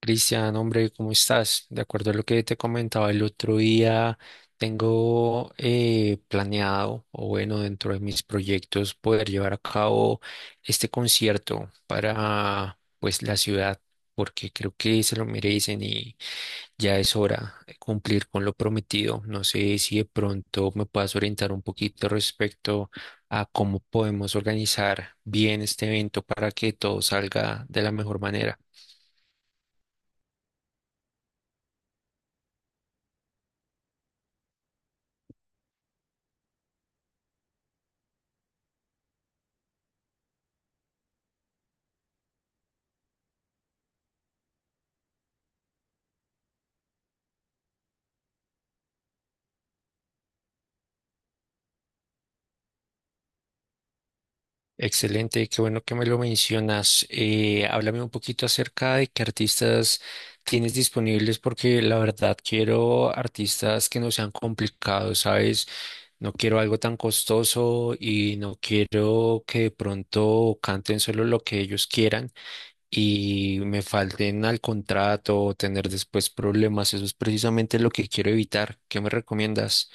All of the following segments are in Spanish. Cristian, hombre, ¿cómo estás? De acuerdo a lo que te comentaba el otro día, tengo planeado, o bueno, dentro de mis proyectos, poder llevar a cabo este concierto para, pues, la ciudad, porque creo que se lo merecen y ya es hora de cumplir con lo prometido. No sé si de pronto me puedas orientar un poquito respecto a cómo podemos organizar bien este evento para que todo salga de la mejor manera. Excelente, qué bueno que me lo mencionas. Háblame un poquito acerca de qué artistas tienes disponibles, porque la verdad quiero artistas que no sean complicados, ¿sabes? No quiero algo tan costoso y no quiero que de pronto canten solo lo que ellos quieran y me falten al contrato o tener después problemas. Eso es precisamente lo que quiero evitar. ¿Qué me recomiendas?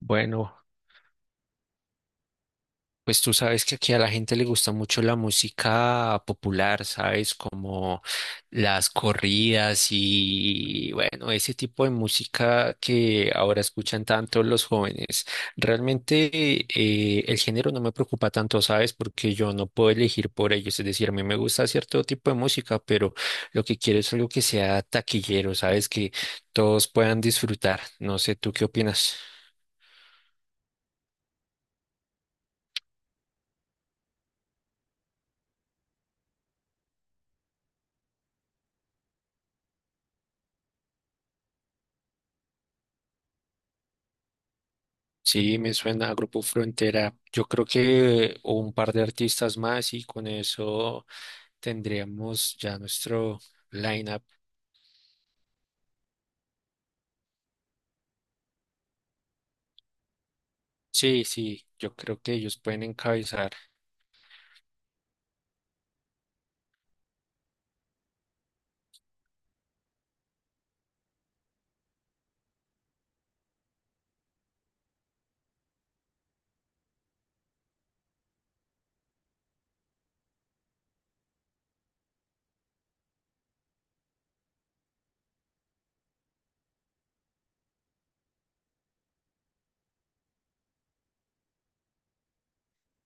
Bueno. Pues tú sabes que aquí a la gente le gusta mucho la música popular, ¿sabes? Como las corridas y bueno, ese tipo de música que ahora escuchan tanto los jóvenes. Realmente el género no me preocupa tanto, ¿sabes? Porque yo no puedo elegir por ellos. Es decir, a mí me gusta cierto tipo de música, pero lo que quiero es algo que sea taquillero, ¿sabes? Que todos puedan disfrutar. No sé, ¿tú qué opinas? Sí, me suena a Grupo Frontera. Yo creo que un par de artistas más y con eso tendríamos ya nuestro lineup. Sí, sí, yo creo que ellos pueden encabezar.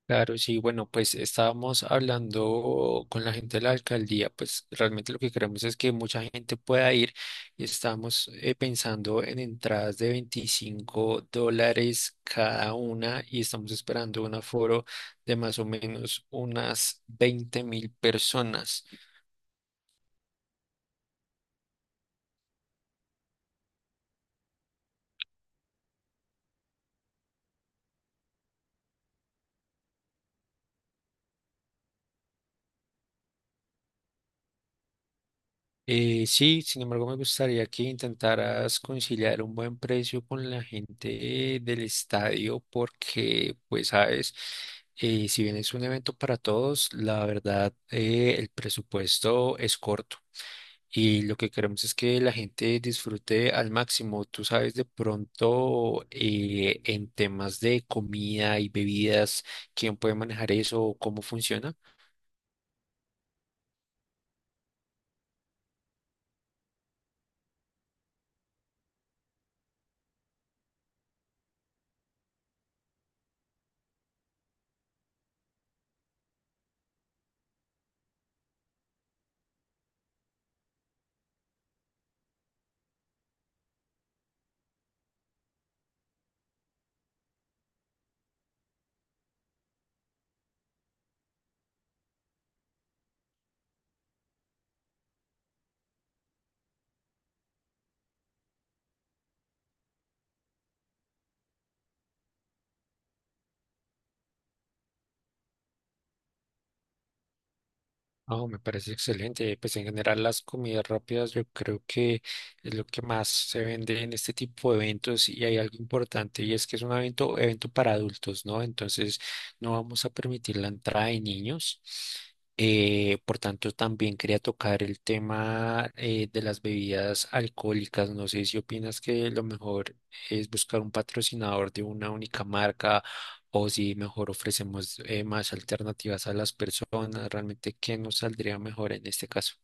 Claro, sí, bueno, pues estábamos hablando con la gente de la alcaldía, pues realmente lo que queremos es que mucha gente pueda ir y estamos pensando en entradas de $25 cada una y estamos esperando un aforo de más o menos unas 20 mil personas. Sí, sin embargo, me gustaría que intentaras conciliar un buen precio con la gente del estadio porque, pues, sabes, si bien es un evento para todos, la verdad, el presupuesto es corto y lo que queremos es que la gente disfrute al máximo. Tú sabes, de pronto, en temas de comida y bebidas, ¿quién puede manejar eso o cómo funciona? Oh, me parece excelente. Pues en general las comidas rápidas yo creo que es lo que más se vende en este tipo de eventos y hay algo importante y es que es un evento para adultos, ¿no? Entonces no vamos a permitir la entrada de niños. Por tanto, también quería tocar el tema de las bebidas alcohólicas. No sé si opinas que lo mejor es buscar un patrocinador de una única marca o si mejor ofrecemos más alternativas a las personas, realmente qué nos saldría mejor en este caso.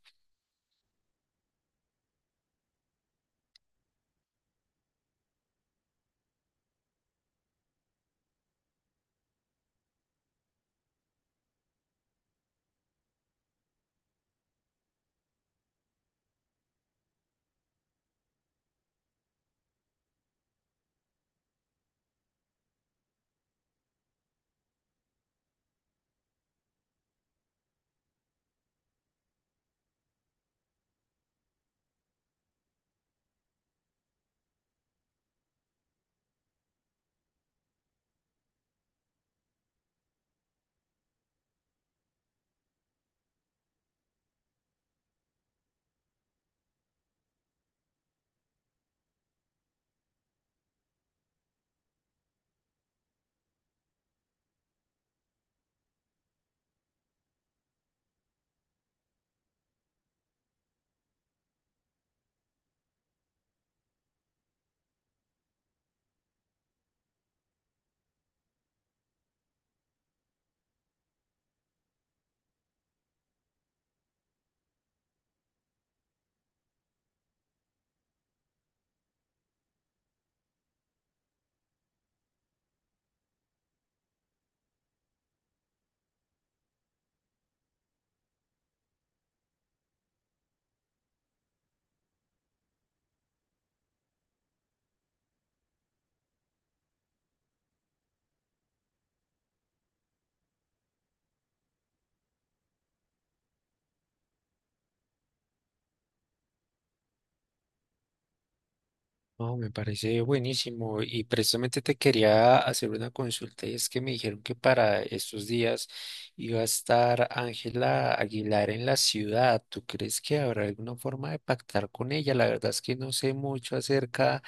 No me parece buenísimo y precisamente te quería hacer una consulta y es que me dijeron que para estos días iba a estar Ángela Aguilar en la ciudad. ¿Tú crees que habrá alguna forma de pactar con ella? La verdad es que no sé mucho acerca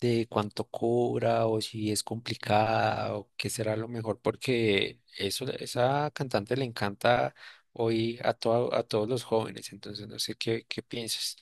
de cuánto cobra o si es complicada o qué será lo mejor, porque esa cantante le encanta hoy a, todo, a todos los jóvenes entonces no sé qué, qué piensas.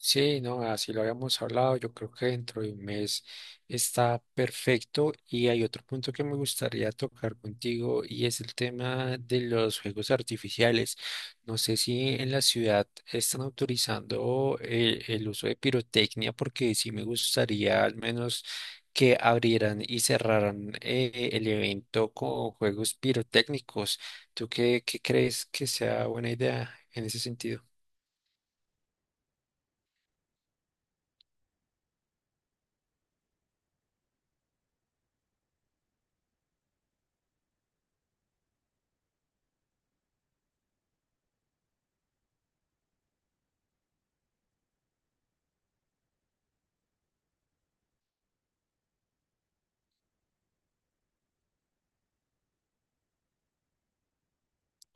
Sí, no, así lo habíamos hablado. Yo creo que dentro de un mes está perfecto. Y hay otro punto que me gustaría tocar contigo y es el tema de los juegos artificiales. No sé si en la ciudad están autorizando el uso de pirotecnia, porque sí me gustaría al menos que abrieran y cerraran el evento con juegos pirotécnicos. ¿Tú qué, qué crees que sea buena idea en ese sentido?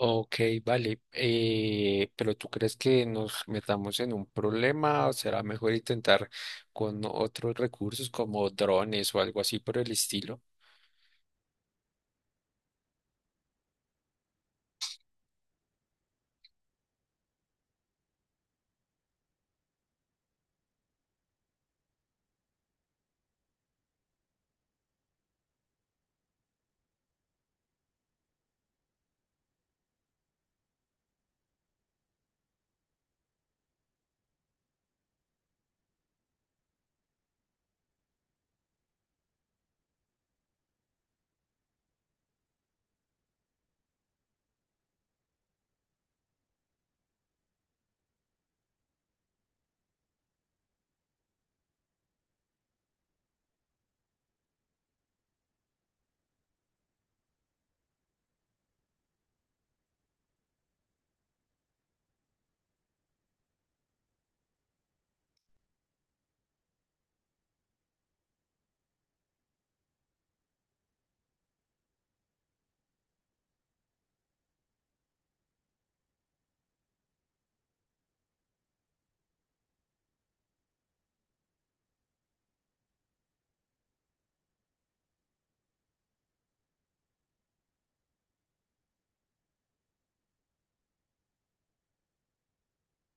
Ok, vale. Pero ¿tú crees que nos metamos en un problema? ¿O será mejor intentar con otros recursos como drones o algo así por el estilo?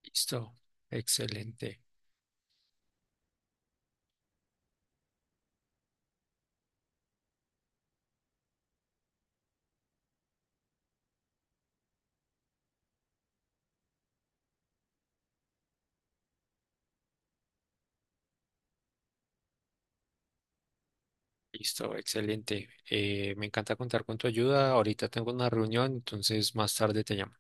Listo, excelente. Listo, excelente. Me encanta contar con tu ayuda. Ahorita tengo una reunión, entonces más tarde te llamo.